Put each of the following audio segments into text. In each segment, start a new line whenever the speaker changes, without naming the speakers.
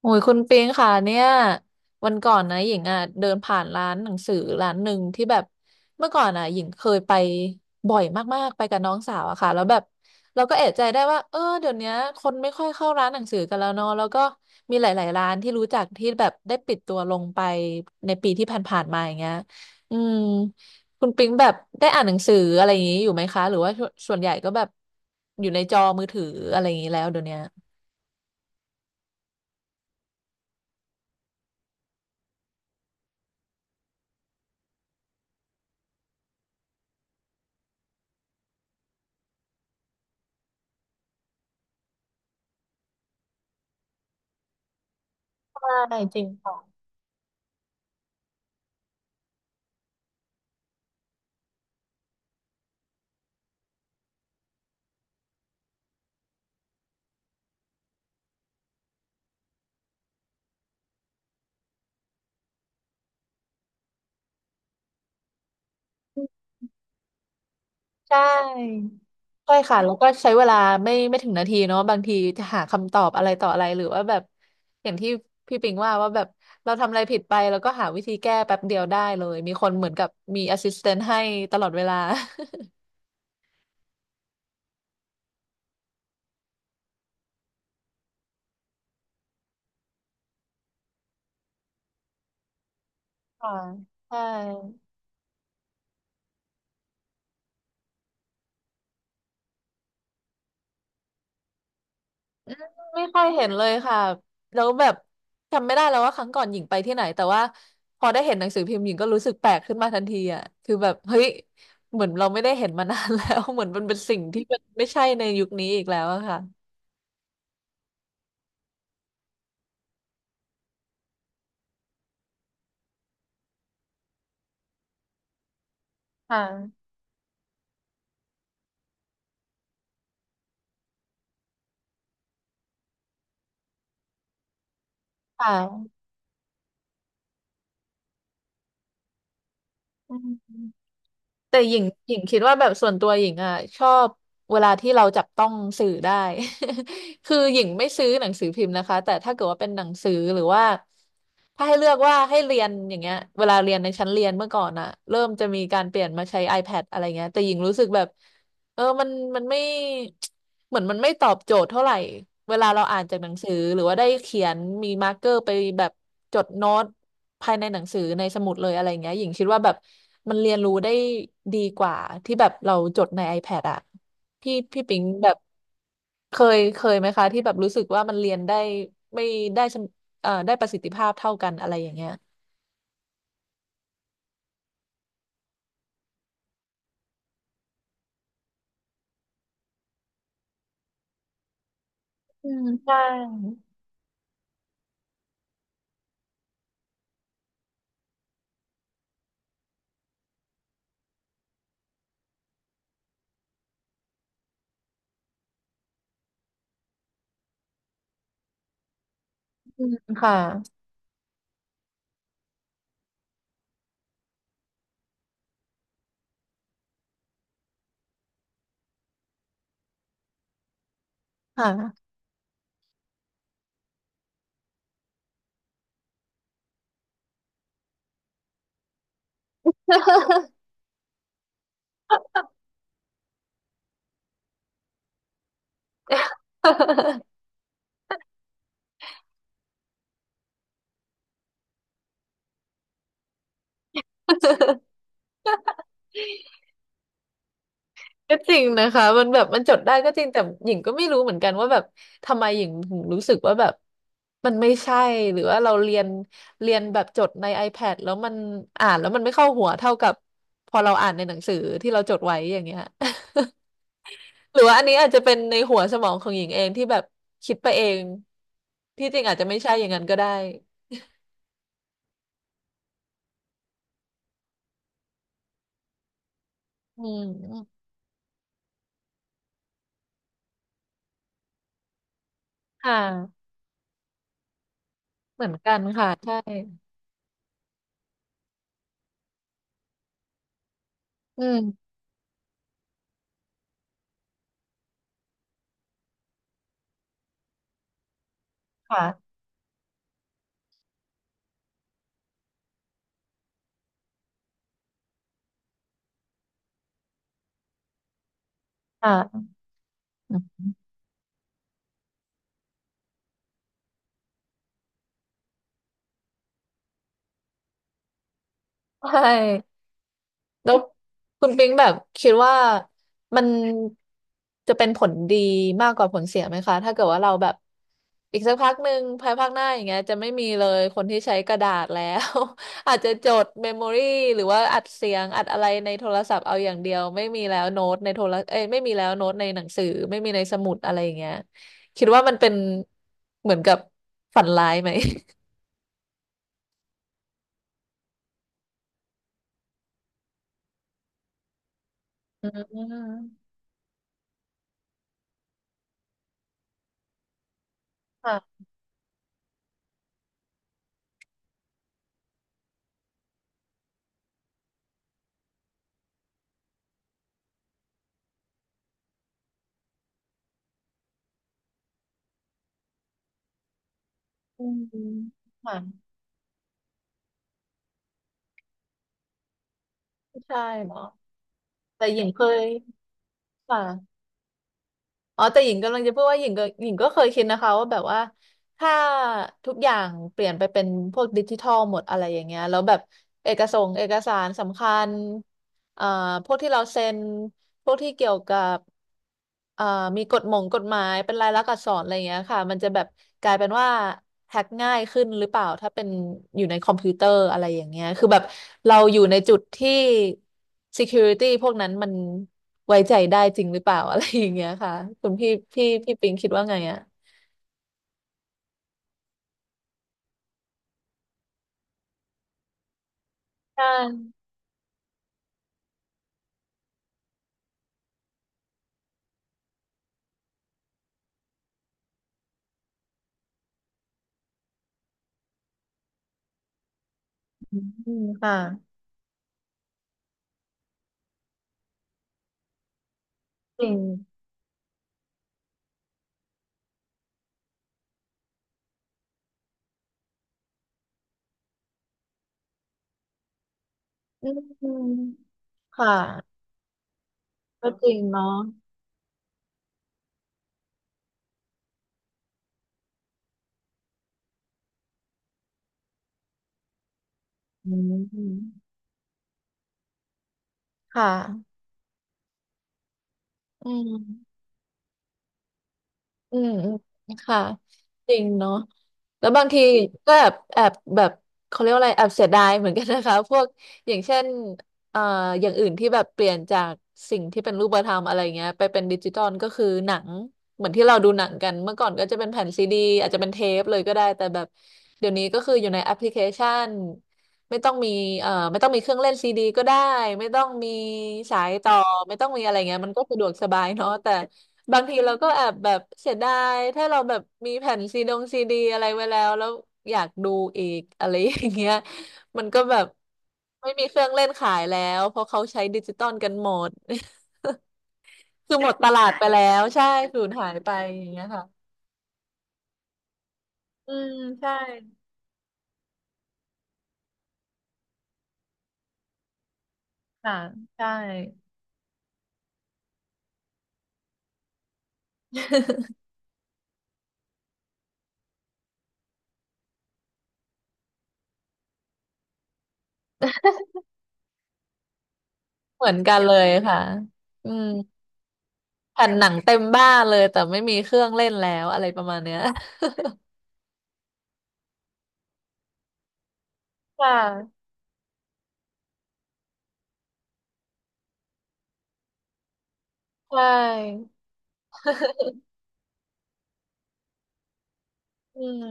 โอ้ยคุณปิงค่ะเนี่ยวันก่อนนะหญิงอ่ะเดินผ่านร้านหนังสือร้านหนึ่งที่แบบเมื่อก่อนอ่ะหญิงเคยไปบ่อยมากๆไปกับน้องสาวอะค่ะแล้วแบบเราก็เอะใจได้ว่าเออเดี๋ยวเนี้ยคนไม่ค่อยเข้าร้านหนังสือกันแล้วเนาะแล้วก็มีหลายๆร้านที่รู้จักที่แบบได้ปิดตัวลงไปในปีที่ผ่านๆมาอย่างเงี้ยอืมคุณปิงแบบได้อ่านหนังสืออะไรอย่างงี้อยู่ไหมคะหรือว่าส่วนใหญ่ก็แบบอยู่ในจอมือถืออะไรอย่างงี้แล้วเดี๋ยวเนี้ยใช่จริงค่ะ ใช่ใช่ค่ะแล้วก็ใช้เวลาไม่ถึงนาทีเนาะบางทีจะหาคำตอบอะไรต่ออะไรหรือว่าแบบอย่างที่พี่ปิงว่าแบบเราทำอะไรผิดไปแล้วก็หาวิธีแก้แป๊บเดียวได้เลยมีคนเหมือนกับมีแอสซิสแตนต์ให้ตลอดเวลา ค่ะใช่ อืมไม่ค่อยเห็นเลยค่ะแล้วแบบจำไม่ได้แล้วว่าครั้งก่อนหญิงไปที่ไหนแต่ว่าพอได้เห็นหนังสือพิมพ์หญิงก็รู้สึกแปลกขึ้นมาทันทีอ่ะคือแบบเฮ้ยเหมือนเราไม่ได้เห็นมานานแล้ว เหมือนมันเป็นสิ่งที่มันไม่ใช่ในยุคนี้อีกแล้วอะค่ะค่ะค่ะอืม แต่หญิงคิดว่าแบบส่วนตัวหญิงอ่ะชอบเวลาที่เราจับต้องสื่อได้ คือหญิงไม่ซื้อหนังสือพิมพ์นะคะแต่ถ้าเกิดว่าเป็นหนังสือหรือว่าถ้าให้เลือกว่าให้เรียนอย่างเงี้ยเวลาเรียนในชั้นเรียนเมื่อก่อนอ่ะเริ่มจะมีการเปลี่ยนมาใช้ iPad อะไรเงี้ยแต่หญิงรู้สึกแบบ เออมันไม่ เหมือนมันไม่ตอบโจทย์เท่าไหร่ เวลาเราอ่านจากหนังสือหรือว่าได้เขียนมีมาร์กเกอร์ไปแบบจดโน้ตภายในหนังสือในสมุดเลยอะไรเงี้ยหญิงคิดว่าแบบมันเรียนรู้ได้ดีกว่าที่แบบเราจดใน iPad อะพี่ปิงแบบเคยไหมคะที่แบบรู้สึกว่ามันเรียนได้ไม่ได้สมได้ประสิทธิภาพเท่ากันอะไรอย่างเงี้ยอืมใช่อืมค่ะค่ะ ก็จริงนะคะมันแบบมันจดได้ก็จริงแต่หญิงก็ไม่รู้เหมือนกันว่าแบบทำไมหญิงถึงรู้สึกว่าแบบมันไม่ใช่หรือว่าเราเรียนแบบจดใน iPad แล้วมันอ่านแล้วมันไม่เข้าหัวเท่ากับพอเราอ่านในหนังสือที่เราจดไว้อย่างเงี้ย หรือว่าอันนี้อาจจะเป็นในหัวสมองของหญิงเองที่แบบคิดไปเองที่จริงอาจจะไม่ใช่อย่างนั้นก็ได้อืมค่ะเหมือนกันค่ะใช่อืมค่ะค่ะใช่ แล้วคุณปิงแบบคิดว่ามันจะเป็นผลดีมากกว่าผลเสียไหมคะถ้าเกิดว่าเราแบบอีกสักพักหนึ่งภายภาคหน้าอย่างเงี้ยจะไม่มีเลยคนที่ใช้กระดาษแล้ว อาจจะจดเมมโมรี่หรือว่าอัดเสียงอัดอะไรในโทรศัพท์เอาอย่างเดียวไม่มีแล้วโน้ตในโทรเอ้ยไม่มีแล้วโน้ตในหนังสือไม่มีในสมุดอะไรอย่างเงี้ยคิดว่ามันเป็นเหมือนกับฝันร้ายไหม อืมค่ะอืมค่ะใช่เนาะแต่หญิงเคย ค่ะอ๋อ แต่หญิงกำลังจะพูดว่าหญิงก็เคยคิดนะคะว่าแบบว่าถ้าทุกอย่างเปลี่ยนไปเป็นพวกดิจิทัลหมดอะไรอย่างเงี้ยแล้วแบบเอกสงเอกสารสำคัญ เอ่อพวกที่เราเซ็นพวกที่เกี่ยวกับเอ่อมีกฎหมงกฎหมายเป็นลายลักษณ์อักษรอะไรอย่างเงี้ยค่ะมันจะแบบกลายเป็นว่าแฮ็กง่ายขึ้นหรือเปล่าถ้าเป็นอยู่ในคอมพิวเตอร์อะไรอย่างเงี้ยคือแบบเราอยู่ในจุดที่ security พวกนั้นมันไว้ใจได้จริงหรือเปล่า อะไรอย่างเงี้ยค่ะคุณพี่ปิงคิดว่าไงอ่ะใช่อืมค่ะจริงอืมค่ะก็จริงเนาะอืมค่ะ อืมอืมอืมค่ะจริงเนาะแล้วบางทีก็แอบแบบเขาเรียกว่าอะไร แอบเสียดายเหมือนกันนะคะ พวกอย่างเช่นเอ่ออย่างอื่นที่แบบเปลี่ยนจากสิ่งที่เป็นรูปธรรมอะไรเงี้ยไปเป็นดิจิตอลก็คือหนังเหมือนที่เราดูหนังกันเมื่อก่อนก็จะเป็นแผ่นซีดีอาจจะเป็นเทปเลยก็ได้แต่แบบเดี๋ยวนี้ก็คืออยู่ในแอปพลิเคชัน ไม่ต้องมีไม่ต้องมีเครื่องเล่นซีดีก็ได้ ไม่ต้องมีสายต่อ ไม่ต้องมีอะไรเงี้ยมันก็สะดวกสบายเนาะแต่บางทีเราก็แอบแบบเสียดายถ้าเราแบบมีแผ่นซีดงซีดีอะไรไว้แล้วอยากดูอีกอะไรอย่างเงี้ยมันก็แบบไม่มีเครื่องเล่นขายแล้ว เพราะเขาใช้ดิจิตอลกันหมด คือหมดตลาดไปแล้ว ใช่สูญหายไปอย่างเงี้ยค่ะ อืมใช่ค่ะใช่ เหมือนกันเลยค่ะอืม แผ่นหนังเต็มบ้านเลยแต่ไม่มีเครื่องเล่นแล้วอะไรประมาณเนี้ย ค่ะใช่ อืม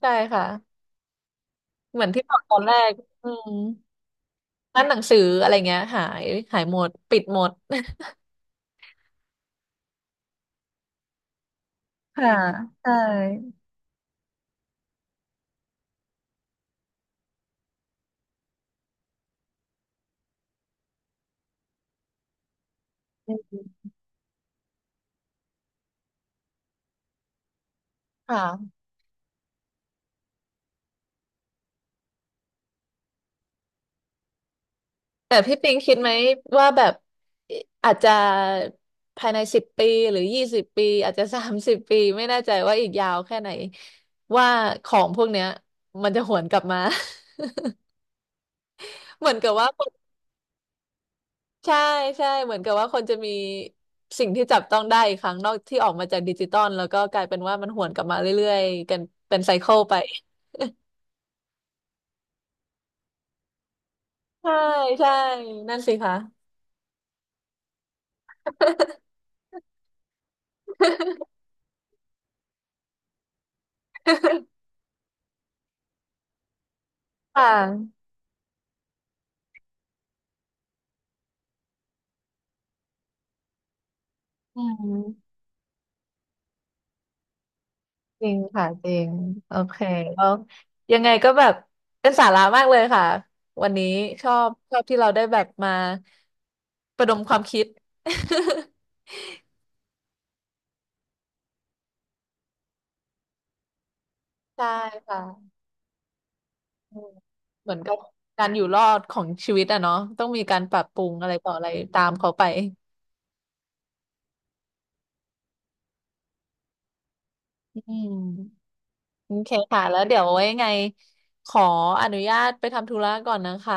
ใช่ค่ะเหมือนที่บอกตอนแรกอืมร้านหนังสืออะไรเงี้ยหายหายหมดปิดหมด ค่ะใช่อืมค่ะแต่พี่ปิงคิดไหมว่าแบบอาจจะภายในสิบปีหรือ20 ปีอาจจะ30 ปีไม่แน่ใจว่าอีกยาวแค่ไหนว่าของพวกเนี้ยมันจะหวนกลับมา เหมือนกับว่า ใช่ใช่เหมือนกับว่าคนจะมีสิ่งที่จับต้องได้อีกครั้งนอกที่ออกมาจากดิจิตอลแล้วก็กลายเป็นว่ามันหวนกลับมาเรื่อยๆกันเป็นไซเคิลไปใช่ใช่นั่นสิคะ ค่ะอืมจริงค่ะจริงโอเคแล้วยังไงก็แบบเป็นสาระมากเลยค่ะวันนี้ชอบที่เราได้แบบมาประดมความคิด ใช่ค่ะ อืมเหมือนกับการอยู่รอดของชีวิตอะเนาะต้องมีการปรับปรุงอะไรต่ออะไรตามเขาไปอืมโอเคค่ะแล้วเดี๋ยวไว้ยังไงขออนุญาตไปทำธุระก่อนนะคะ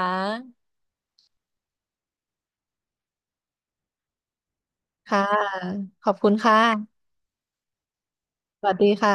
ค่ะขอบคุณค่ะสวัสดีค่ะ